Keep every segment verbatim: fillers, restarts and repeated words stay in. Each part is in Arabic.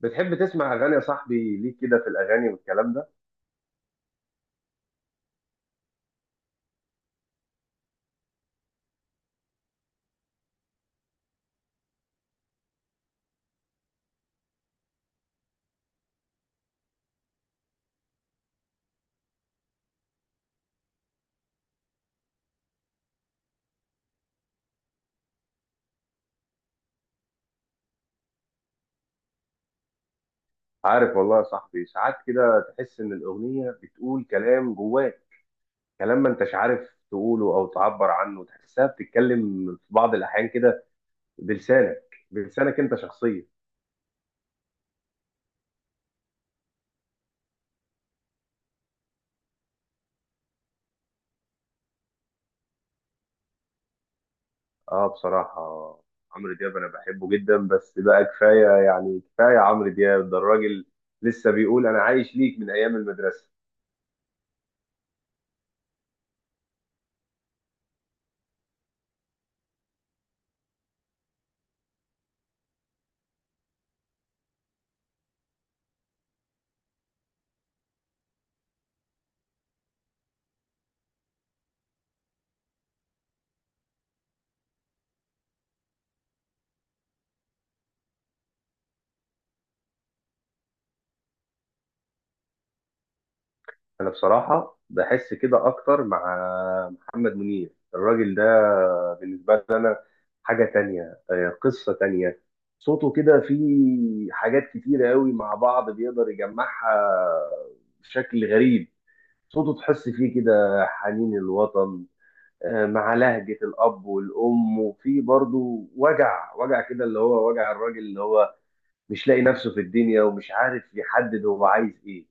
بتحب تسمع اغاني يا صاحبي؟ ليك كده في الاغاني والكلام ده. عارف والله يا صاحبي، ساعات كده تحس ان الاغنيه بتقول كلام جواك، كلام ما انتش عارف تقوله او تعبر عنه. تحسها بتتكلم في بعض الاحيان كده بلسانك، بلسانك انت شخصيا. اه، بصراحه عمرو دياب انا بحبه جدا، بس بقى كفايه، يعني كفايه. عمرو دياب ده الراجل لسه بيقول انا عايش ليك من ايام المدرسه. انا بصراحه بحس كده اكتر مع محمد منير. الراجل ده بالنسبه لي انا حاجه تانية، آه، قصه تانية. صوته كده فيه حاجات كتيره قوي مع بعض بيقدر يجمعها بشكل غريب. صوته تحس فيه كده حنين الوطن، آه، مع لهجه الاب والام، وفيه برضه وجع وجع كده، اللي هو وجع الراجل اللي هو مش لاقي نفسه في الدنيا ومش عارف يحدد هو عايز ايه.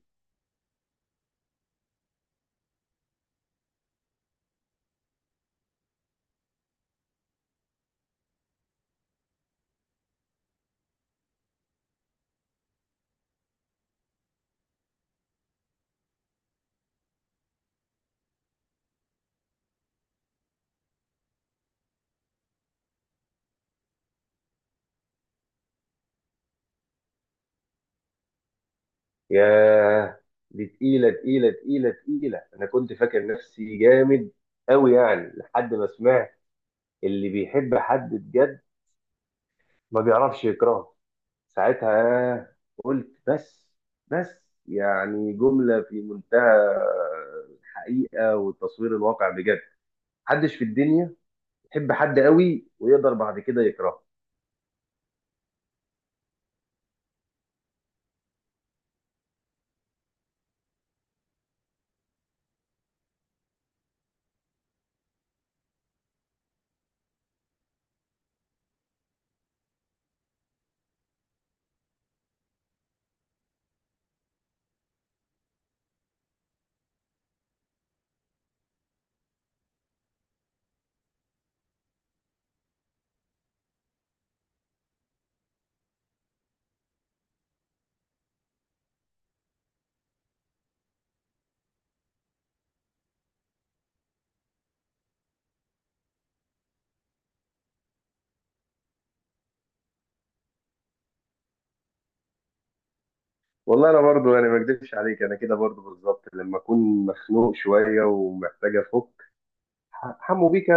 ياه، دي تقيلة تقيلة تقيلة تقيلة. أنا كنت فاكر نفسي جامد أوي يعني، لحد ما سمعت اللي بيحب حد بجد ما بيعرفش يكرهه. ساعتها قلت بس. بس، يعني جملة في منتهى الحقيقة والتصوير الواقع بجد. محدش في الدنيا يحب حد قوي ويقدر بعد كده يكرهه. والله انا برضو يعني ما اكدبش عليك، انا كده برضو بالظبط. لما اكون مخنوق شويه ومحتاج افك، ح- حمو بيكا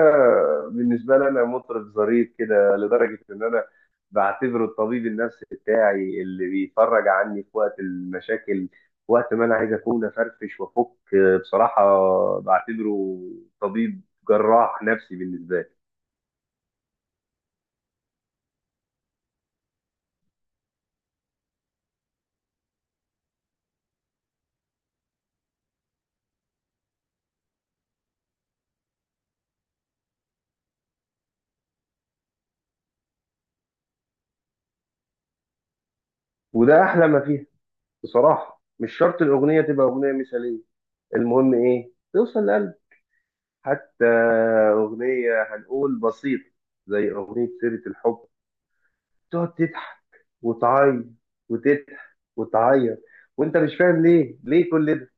بالنسبة لي أنا مطرب ظريف كده، لدرجة إن أنا بعتبره الطبيب النفسي بتاعي اللي بيفرج عني في وقت المشاكل، وقت ما أنا عايز أكون أفرفش وأفك. بصراحة بعتبره طبيب جراح نفسي بالنسبة لي. وده أحلى ما فيه. بصراحة مش شرط الأغنية تبقى أغنية مثالية، المهم إيه؟ توصل لقلب. حتى أغنية هنقول بسيطة زي أغنية سيرة الحب، تقعد تضحك وتعيط وتضحك وتعيط وانت مش فاهم ليه ليه كل ده.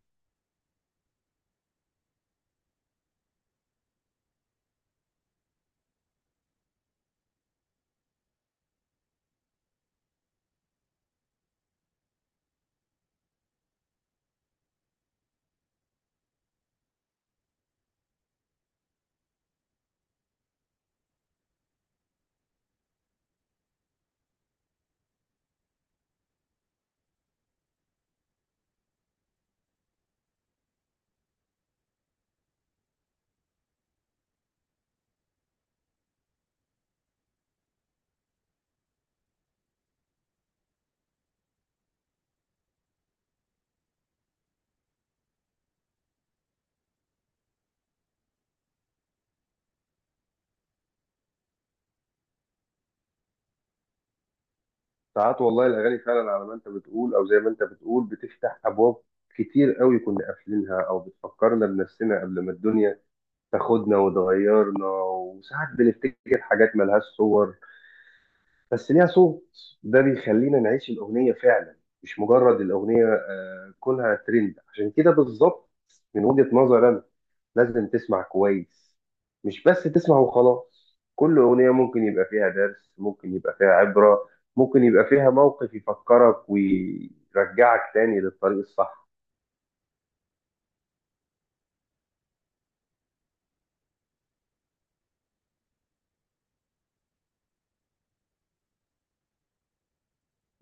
ساعات والله الاغاني فعلا على ما انت بتقول، او زي ما انت بتقول، بتفتح ابواب كتير قوي كنا قافلينها، او بتفكرنا بنفسنا قبل ما الدنيا تاخدنا وتغيرنا. وساعات بنفتكر حاجات ملهاش صور بس ليها صوت، ده بيخلينا نعيش الاغنيه فعلا. مش مجرد الاغنيه، آه، كونها ترند عشان كده بالظبط. من وجهه نظري انا لازم تسمع كويس، مش بس تسمع وخلاص. كل أغنية ممكن يبقى فيها درس، ممكن يبقى فيها عبرة، ممكن يبقى فيها موقف يفكرك ويرجعك تاني للطريق الصح.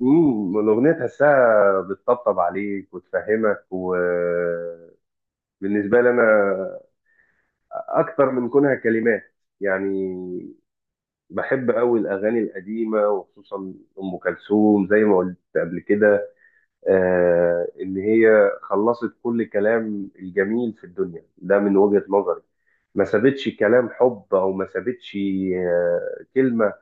امم الأغنية تحسها بتطبطب عليك وتفهمك. وبالنسبة لي أنا، أكتر من كونها كلمات يعني، بحب أوي الأغاني القديمة، وخصوصا أم كلثوم زي ما قلت قبل كده. آه، إن هي خلصت كل كلام الجميل في الدنيا ده من وجهة نظري. ما سابتش كلام حب، أو ما سابتش آه، كلمة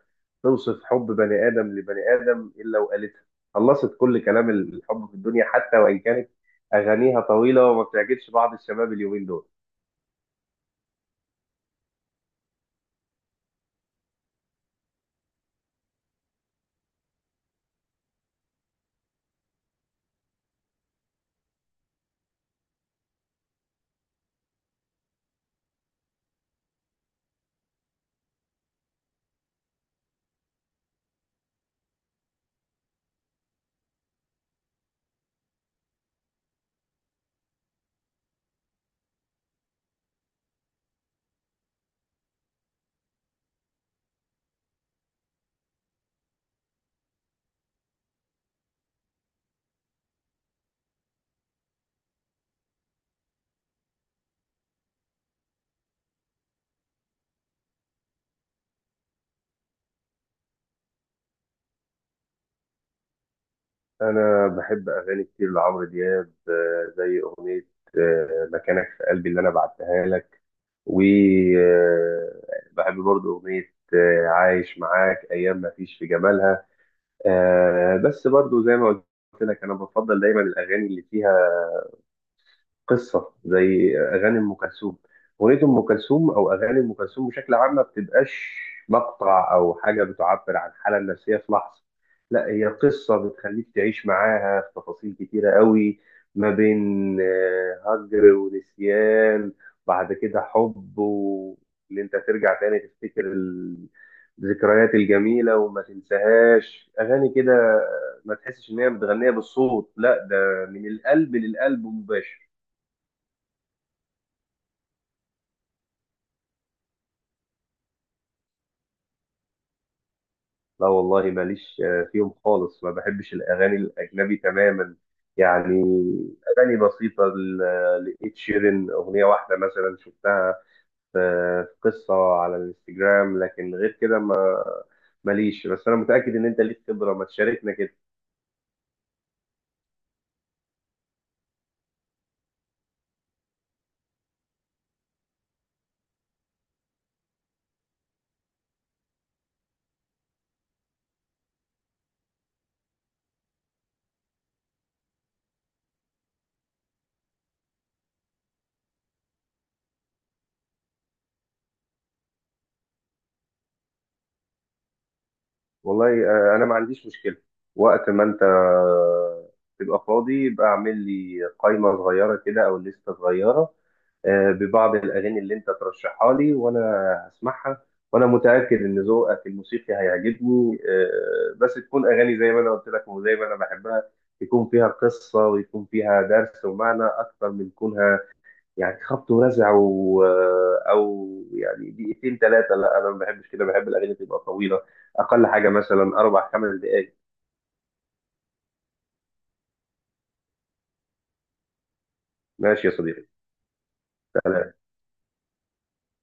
توصف حب بني آدم لبني آدم إلا وقالتها. خلصت كل كلام الحب في الدنيا، حتى وإن كانت أغانيها طويلة وما بتعجبش بعض الشباب اليومين دول. أنا بحب أغاني كتير لعمرو دياب، آه، زي أغنية آه، مكانك في قلبي اللي أنا بعتها لك. وبحب برضو أغنية آه، عايش معاك أيام ما فيش في جمالها. آه، بس برضو زي ما قلت لك، أنا بفضل دايما الأغاني اللي فيها قصه، زي اغاني ام كلثوم. اغنيه ام كلثوم او اغاني ام كلثوم بشكل عام ما بتبقاش مقطع او حاجه بتعبر عن الحاله النفسيه في لحظه، لا هي قصه بتخليك تعيش معاها في تفاصيل كتيره قوي، ما بين آه، هجر ونسيان، بعد كده حب، وان انت ترجع تاني تفتكر ال- الذكريات الجميله وما تنساهاش. اغاني كده ما تحسش ان هي متغنيه بالصوت، لا ده من القلب للقلب مباشر. لا والله ماليش آه، فيهم خالص، ما بحبش الأغاني الأجنبي تماما. يعني أغاني بسيطة لإد شيرين، أغنية واحدة مثلا شفتها في في قصة على الانستجرام، لكن غير كده ما ماليش. بس أنا متأكد إن أنت ليك خبرة، ما تشاركنا كده. والله آه، أنا ما عنديش مشكلة. وقت ما أنت تبقى فاضي، يبقى اعمل لي قائمة صغيرة كده أو لستة صغيرة آه، ببعض الأغاني اللي أنت ترشحها لي، وأنا هسمعها. وأنا متأكد إن ذوقك الموسيقي هيعجبني. آه، بس تكون أغاني زي ما أنا قلت لك، وزي ما أنا بحبها، يكون فيها قصة، ويكون فيها درس ومعنى، أكتر من كونها يعني خبط ورزع و... آه، أو يعني دقيقتين ثلاثة. لا أنا ما بحبش كده، بحب الأغاني تبقى طويلة، أقل حاجة مثلا أربع خمس دقايق. ماشي يا صديقي.